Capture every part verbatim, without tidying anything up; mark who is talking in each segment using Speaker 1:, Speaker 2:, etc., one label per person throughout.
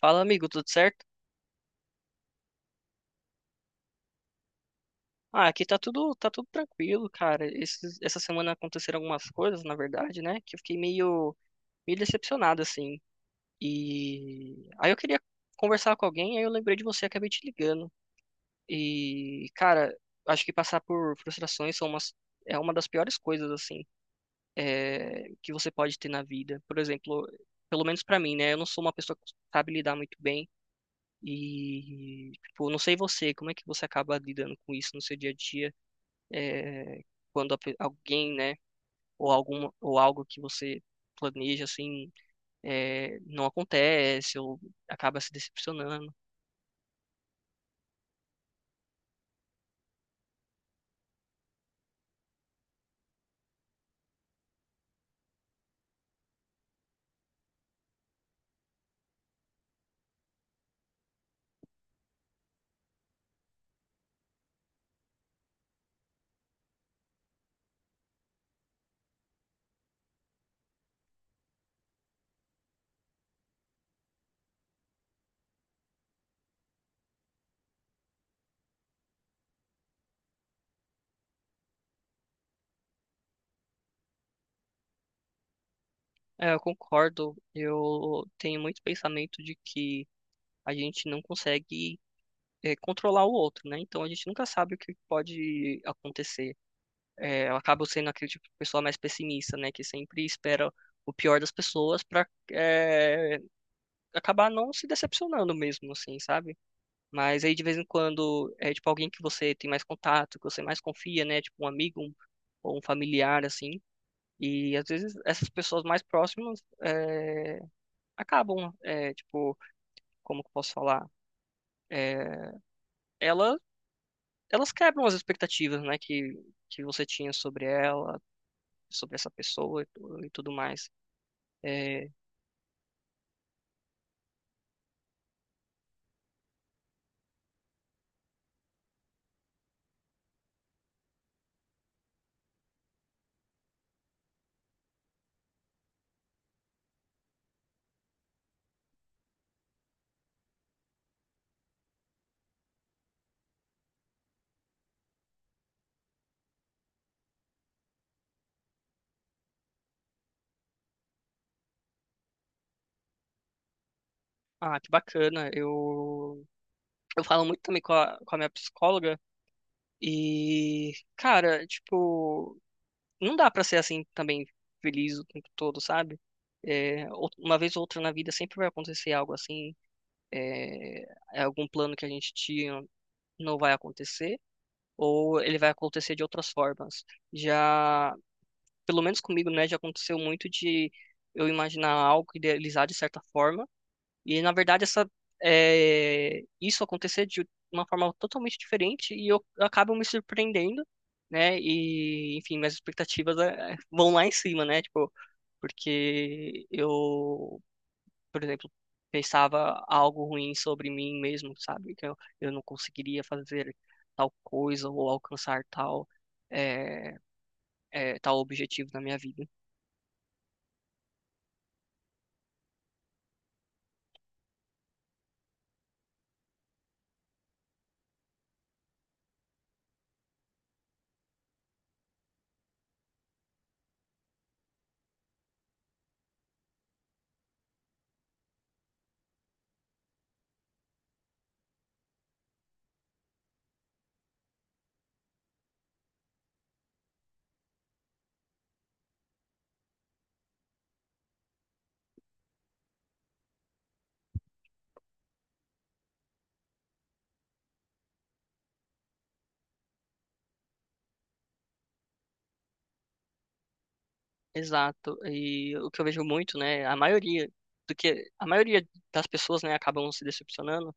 Speaker 1: Fala, amigo, tudo certo? Ah, aqui tá tudo, tá tudo tranquilo, cara. Esses- essa semana aconteceram algumas coisas, na verdade, né? Que eu fiquei meio, meio decepcionado, assim. E aí eu queria conversar com alguém, aí eu lembrei de você, acabei te ligando. E, cara, acho que passar por frustrações são umas, é uma das piores coisas, assim, é, que você pode ter na vida. Por exemplo, pelo menos pra mim, né? Eu não sou uma pessoa que sabe lidar muito bem. E, tipo, não sei você, como é que você acaba lidando com isso no seu dia a dia? é, quando a pe- alguém, né, ou algum, ou algo que você planeja assim, é, não acontece ou acaba se decepcionando. É, eu concordo. Eu tenho muito pensamento de que a gente não consegue é, controlar o outro, né? Então a gente nunca sabe o que pode acontecer. É, eu acabo sendo aquele tipo de pessoa mais pessimista, né, que sempre espera o pior das pessoas para acabar não se decepcionando mesmo, assim, sabe? Mas aí de vez em quando é tipo alguém que você tem mais contato, que você mais confia, né? Tipo um amigo um- ou um familiar assim. E às vezes essas pessoas mais próximas é, acabam, é, tipo, como que eu posso falar? É, ela, elas quebram as expectativas, né? Que, que você tinha sobre ela, sobre essa pessoa e, tu- e tudo mais. É, ah, que bacana. Eu, eu falo muito também com a, com a minha psicóloga. E, cara, tipo, não dá pra ser assim também feliz o tempo todo, sabe? É, ou- uma vez ou outra na vida sempre vai acontecer algo assim, é, é algum plano que a gente tinha não vai acontecer, ou ele vai acontecer de outras formas. Já, pelo menos comigo, né, já aconteceu muito de eu imaginar algo, idealizar de certa forma, e na verdade essa é, isso acontecer de uma forma totalmente diferente e eu acabo me surpreendendo, né? E enfim, minhas expectativas é, vão lá em cima, né? Tipo, porque eu, por exemplo, pensava algo ruim sobre mim mesmo, sabe? Que eu, eu não conseguiria fazer tal coisa ou alcançar tal é, é, tal objetivo na minha vida. Exato. E o que eu vejo muito, né, a maioria do que a maioria das pessoas, né, acabam se decepcionando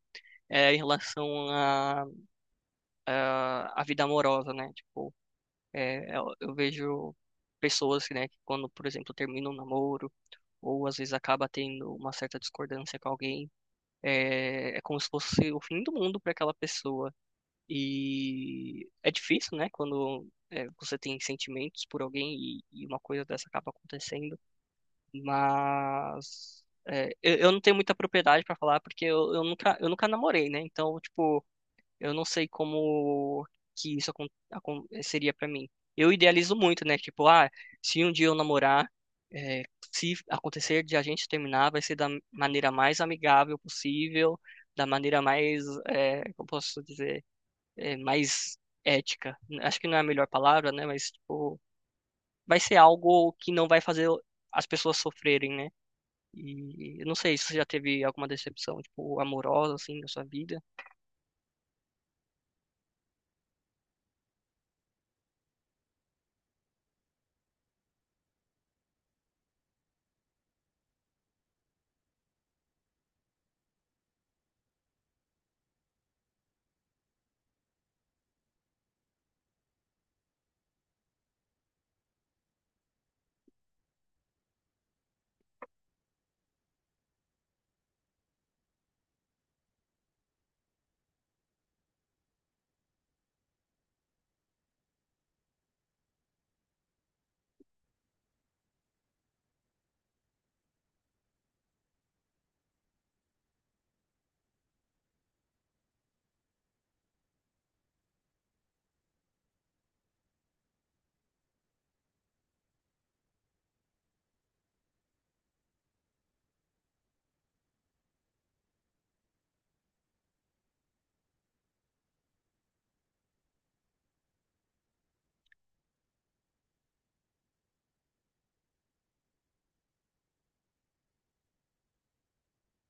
Speaker 1: é em relação à à à vida amorosa, né? Tipo, é, eu, eu vejo pessoas, né, que quando, por exemplo, terminam um namoro ou às vezes acaba tendo uma certa discordância com alguém, é, é como se fosse o fim do mundo para aquela pessoa. E é difícil, né, quando é, você tem sentimentos por alguém e, e uma coisa dessa acaba acontecendo. Mas é, eu, eu não tenho muita propriedade pra falar porque eu, eu nunca eu nunca namorei, né? Então, tipo, eu não sei como que isso acon- acon- é, seria pra mim. Eu idealizo muito, né? Tipo, ah, se um dia eu namorar, é, se acontecer de a gente terminar, vai ser da maneira mais amigável possível, da maneira mais, é, como posso dizer, é, mais ética. Acho que não é a melhor palavra, né? Mas, tipo, vai ser algo que não vai fazer as pessoas sofrerem, né? E eu não sei se você já teve alguma decepção, tipo, amorosa, assim, na sua vida.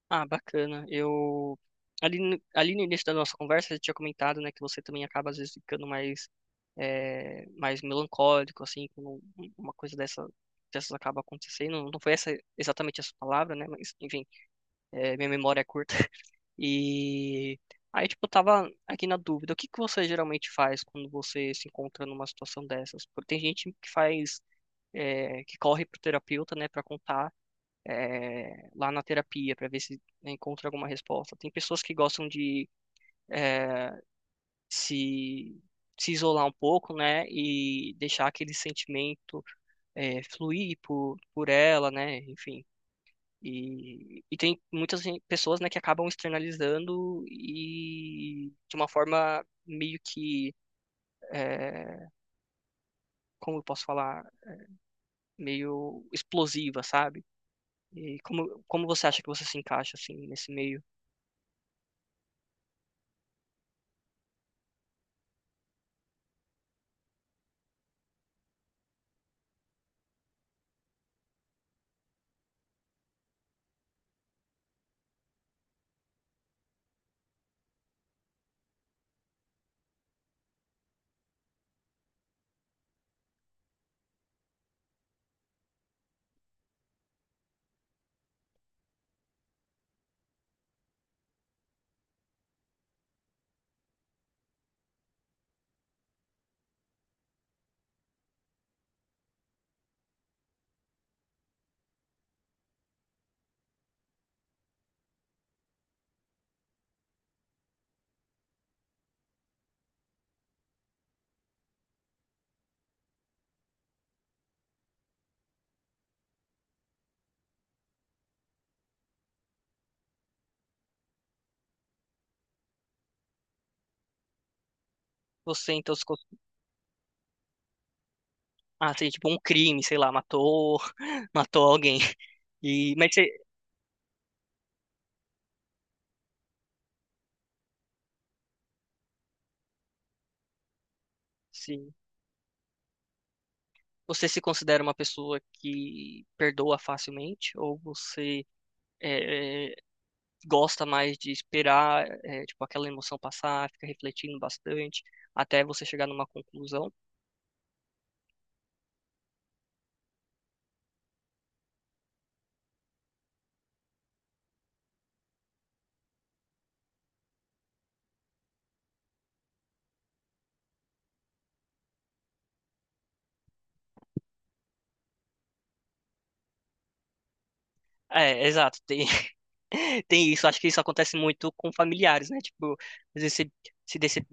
Speaker 1: Ah, bacana. Eu. Ali, no- ali no início da nossa conversa, você tinha comentado, né, que você também acaba, às vezes, ficando mais, é, mais melancólico, assim, quando um, uma coisa dessa, dessas acaba acontecendo. Não foi essa exatamente essa palavra, né, mas, enfim, é, minha memória é curta. E. Aí, tipo, eu tava aqui na dúvida, o que que você geralmente faz quando você se encontra numa situação dessas? Porque tem gente que faz é, que corre para o terapeuta, né, para contar é, lá na terapia, para ver se encontra alguma resposta. Tem pessoas que gostam de é, se se isolar um pouco, né, e deixar aquele sentimento é, fluir por, por ela, né, enfim. E, e tem muitas gen- pessoas, né, que acabam externalizando e de uma forma meio que, é, como eu posso falar, meio explosiva, sabe? E como, como você acha que você se encaixa, assim, nesse meio? Você, então, se... co- Ah, seria tipo um crime, sei lá, matou, matou alguém. E, mas você, sim, você se considera uma pessoa que perdoa facilmente? Ou você é, é, gosta mais de esperar, é, tipo, aquela emoção passar, fica refletindo bastante, até você chegar numa conclusão? É, exato, tem, tem isso. Acho que isso acontece muito com familiares, né? Tipo, às vezes você se, dece-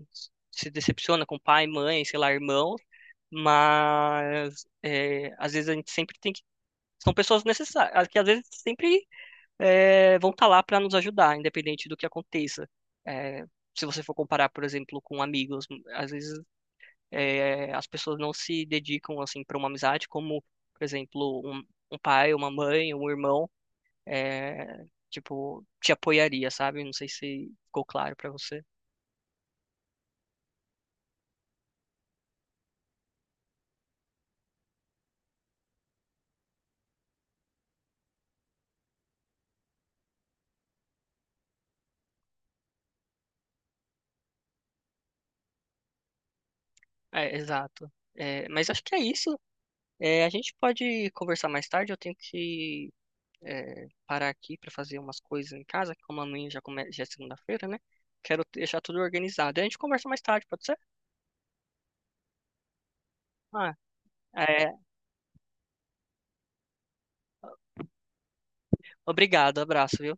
Speaker 1: se decepciona com pai, mãe, sei lá, irmão, mas é, às vezes a gente sempre tem que. São pessoas necessárias, que às vezes sempre é, vão estar lá para nos ajudar, independente do que aconteça. É, se você for comparar, por exemplo, com amigos, às vezes é, as pessoas não se dedicam assim para uma amizade, como, por exemplo, um, um pai, uma mãe, um irmão é, tipo, te apoiaria, sabe? Não sei se ficou claro pra você. É, exato. É, mas acho que é isso. É, a gente pode conversar mais tarde. Eu tenho que é, parar aqui para fazer umas coisas em casa, que como amanhã já, come... já é segunda-feira, né? Quero deixar tudo organizado. E a gente conversa mais tarde, pode ser? Ah, é, obrigado, abraço, viu?